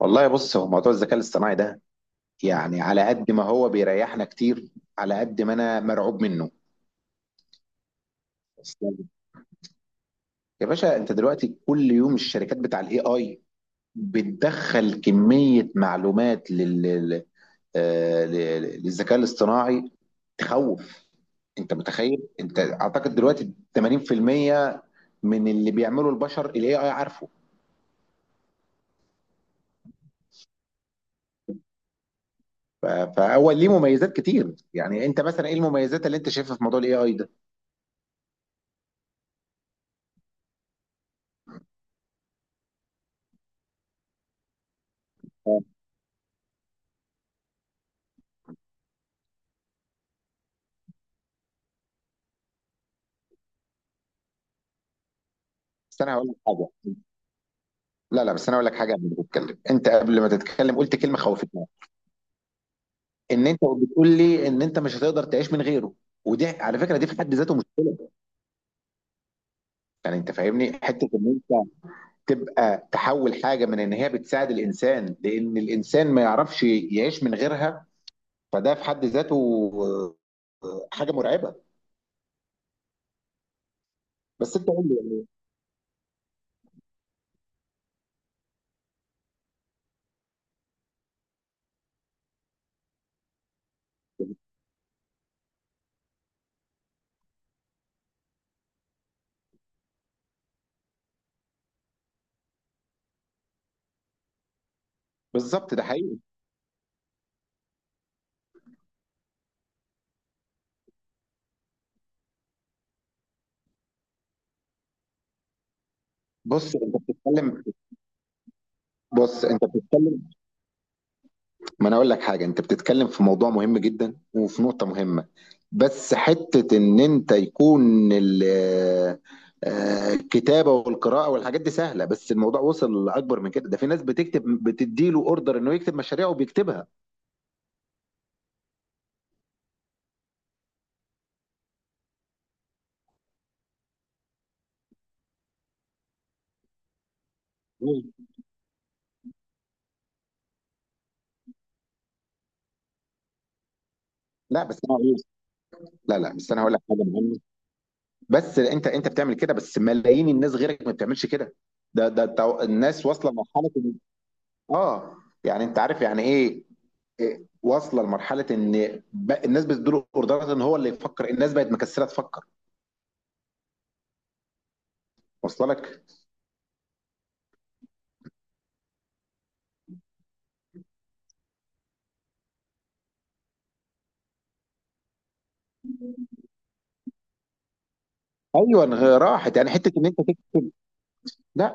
والله بص، هو موضوع الذكاء الاصطناعي ده، يعني على قد ما هو بيريحنا كتير، على قد ما انا مرعوب منه. يا باشا، انت دلوقتي كل يوم الشركات بتاع الاي اي بتدخل كمية معلومات للذكاء الاصطناعي. تخوف. انت متخيل؟ انت اعتقد دلوقتي 80% من اللي بيعمله البشر الاي اي عارفه. فاول ليه مميزات كتير، يعني انت مثلا ايه المميزات اللي انت شايفها في موضوع الاي اي ده؟ بس انا هقول لك حاجه. لا لا، بس انا اقول لك حاجه قبل ما تتكلم. انت قبل ما تتكلم قلت كلمه خوفتني. ان انت بتقول لي ان انت مش هتقدر تعيش من غيره، ودي على فكره، دي في حد ذاته مشكله. يعني انت فاهمني، حته ان انت تبقى تحول حاجه من ان هي بتساعد الانسان، لان الانسان ما يعرفش يعيش من غيرها. فده في حد ذاته حاجه مرعبه. بس انت قول لي يعني. بالظبط، ده حقيقي. بص انت بتتكلم بص انت بتتكلم، ما انا اقول لك حاجه، انت بتتكلم في موضوع مهم جدا وفي نقطه مهمه. بس حتة إن أنت يكون الكتابة والقراءة والحاجات دي سهلة، بس الموضوع وصل لأكبر من كده، ده في ناس بتكتب بتديله أوردر إنه يكتب مشاريع وبيكتبها. مم. لا بس أنا هقول- لا لا، بس أنا هقول لك حاجة مهمة. بس أنت بتعمل كده، بس ملايين الناس غيرك ما بتعملش كده. ده الناس واصلة لمرحلة إن، آه، يعني أنت عارف يعني إيه؟ واصلة لمرحلة إن الناس بتديله أوردرات إن هو اللي يفكر، الناس بقت مكسلة تفكر. واصلة لك. ايوه، راحت، يعني حته ان انت لا.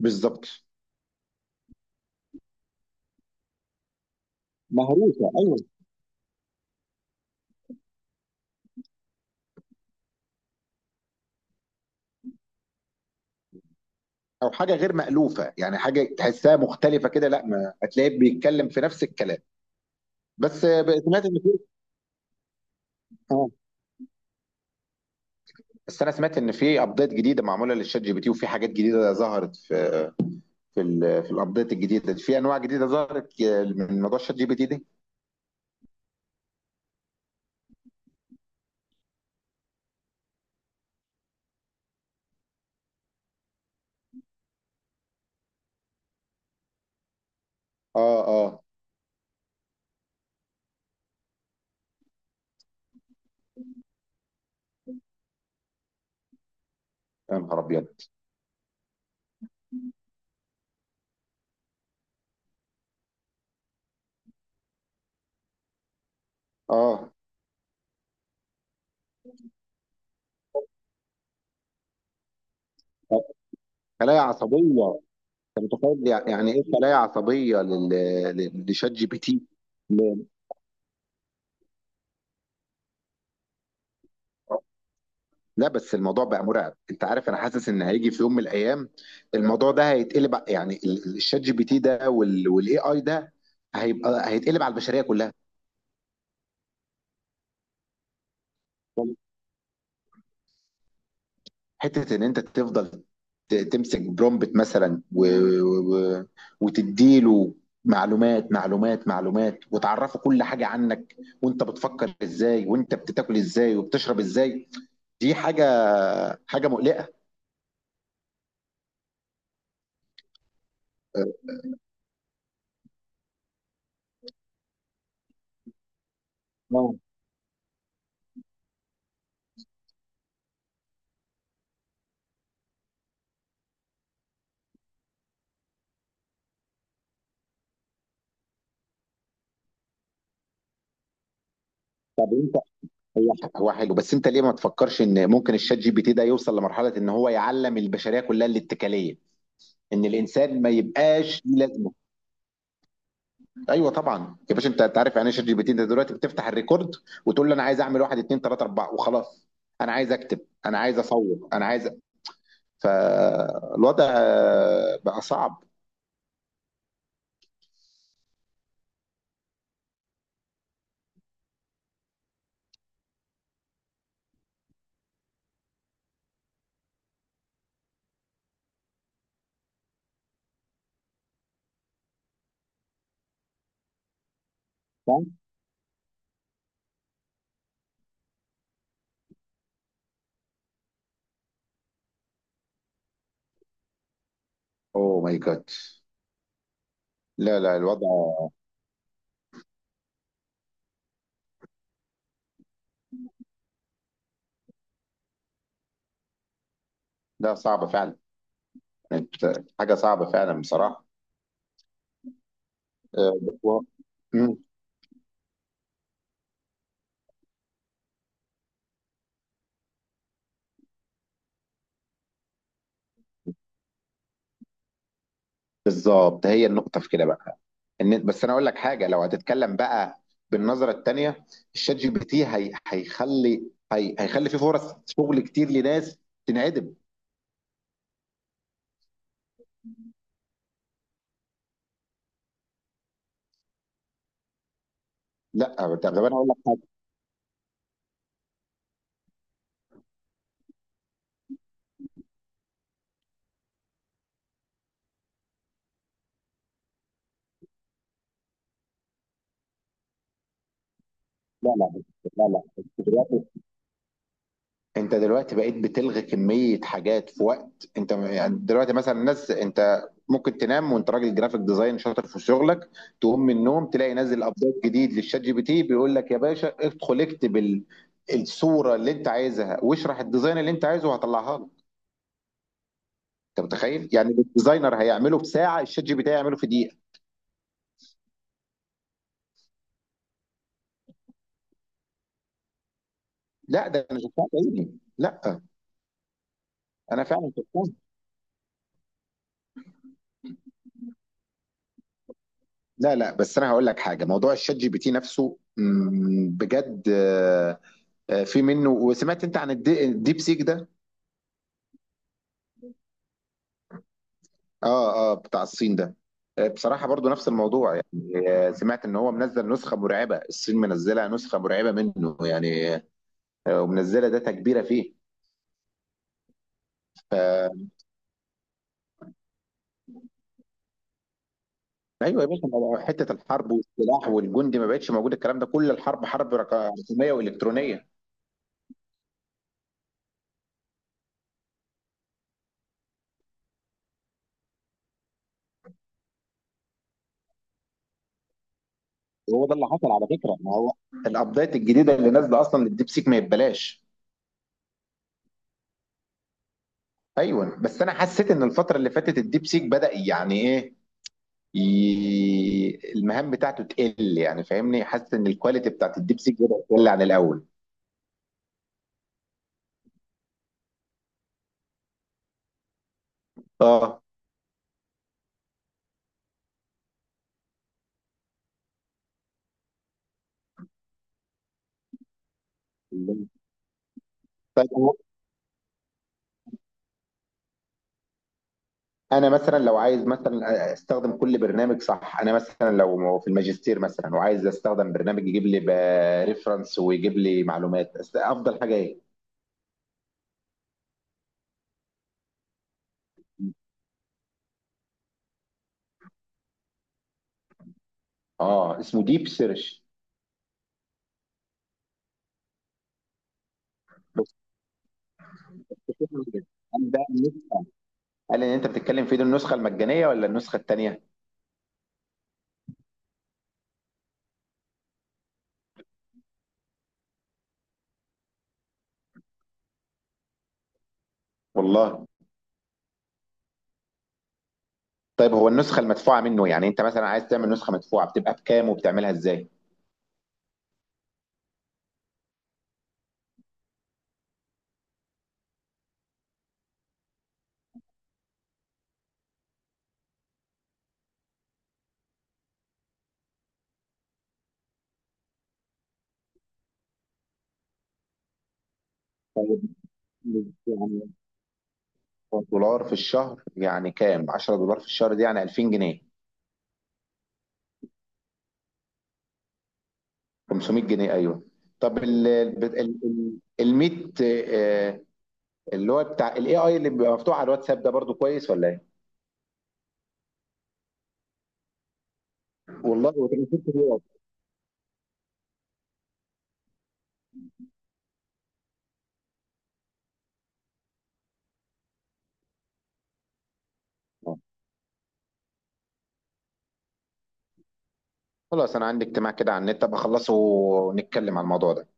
بالظبط. مهروسه، ايوه. او حاجه غير مالوفه، يعني حاجه تحسها مختلفه كده، لا ما هتلاقيه بيتكلم في نفس الكلام. بس سمعت ان في، اه، بس انا سمعت ان في ابديت جديده معموله للشات جي بي تي، وفي حاجات جديده ظهرت في الابديت الجديده دي. في انواع جديده ظهرت من موضوع الشات جي بي تي ده. اه. اه. يا نهار ابيض. اه. خلايا عصبيه. انت متخيل يعني ايه خلايا عصبيه لشات جي بي تي؟ لا، بس الموضوع بقى مرعب. انت عارف، انا حاسس ان هيجي في يوم من الايام الموضوع ده يعني الشات جي بي تي ده والاي اي ده هيتقلب على البشريه كلها. حته ان انت تفضل تمسك برومبت مثلا و... وتديله معلومات معلومات معلومات، وتعرفه كل حاجه عنك، وانت بتفكر ازاي وانت بتاكل ازاي وبتشرب ازاي. دي حاجه، حاجه مقلقه. هو حلو، بس انت ليه ما تفكرش ان ممكن الشات جي بي تي ده يوصل لمرحله ان هو يعلم البشريه كلها الاتكاليه؟ ان الانسان ما يبقاش ليه لازمه. ايوه طبعا يا باشا. أنت عارف يعني ايه شات جي بي تي؟ انت دلوقتي بتفتح الريكورد وتقول له انا عايز اعمل واحد اتنين تلاته اربعه وخلاص. انا عايز اكتب، انا عايز اصور، انا عايز. فالوضع بقى صعب. اوه ماي جاد. لا لا، الوضع ده صعب فعلا. حاجه صعبه فعلا بصراحه. آه، و- مم. بالظبط، هي النقطه في كده بقى. بس انا اقول لك حاجه لو هتتكلم بقى بالنظره التانيه. الشات جي بي تي هيخلي هيخلي فيه فرص شغل كتير لناس تنعدم. لا، طب انا اقول لك حاجه. لا لا، لا لا انت دلوقتي بقيت بتلغي كميه حاجات في وقت انت يعني دلوقتي مثلا الناس. انت ممكن تنام وانت راجل جرافيك ديزاين شاطر في شغلك، تقوم من النوم تلاقي نازل ابديت جديد للشات جي بي تي بيقول لك يا باشا ادخل اكتب الصوره اللي انت عايزها واشرح الديزاين اللي انت عايزه وهطلعها لك. انت متخيل؟ يعني الديزاينر هيعمله في ساعه، الشات جي بي تي هيعمله في دقيقه. لا ده انا شفتها بعيني، لا، انا فعلا شفتها. لا لا، بس انا هقول لك حاجه. موضوع الشات جي بي تي نفسه، بجد في منه. وسمعت انت عن الديب سيك ده؟ اه اه، بتاع الصين ده. بصراحه برضو نفس الموضوع. يعني سمعت ان هو منزل نسخه مرعبه، الصين منزله نسخه مرعبه منه يعني. ومنزله داتا كبيره فيه. ايوه يا باشا. ما بقى حته الحرب والسلاح والجندي، ما بقتش موجود الكلام ده. كل الحرب حرب رقميه والكترونيه. وهو ده اللي حصل، على فكره. ما هو الابديت الجديده اللي نازله اصلا للديب سيك ما يتبلاش. ايوه، بس انا حسيت ان الفتره اللي فاتت الديب سيك بدا يعني ايه، المهام بتاعته تقل. يعني فاهمني؟ حاسس ان الكواليتي بتاعت الديب سيك بدات تقل عن الاول. اه. طيب، انا مثلا لو عايز مثلا استخدم كل برنامج صح، انا مثلا لو في الماجستير مثلا وعايز استخدم برنامج يجيب لي ريفرنس ويجيب لي معلومات، افضل حاجه ايه؟ اه، اسمه ديب سيرش. بس. قال ده قال ان انت بتتكلم فيه، دي النسخه المجانيه ولا النسخه الثانيه؟ والله. طيب، هو النسخه المدفوعه منه، يعني انت مثلا عايز تعمل نسخه مدفوعه بتبقى بكام وبتعملها ازاي؟ طيب، يعني دولار في الشهر يعني كام 10 دولار في الشهر دي يعني 2000 جنيه؟ 500 جنيه، ايوه. طب الميت، اللي هو بتاع الاي اي اللي بيبقى مفتوح على الواتساب ده، برضو كويس ولا ايه؟ والله وتنزلت فيه. خلاص، انا عندي اجتماع كده على النت بخلصه ونتكلم على الموضوع ده.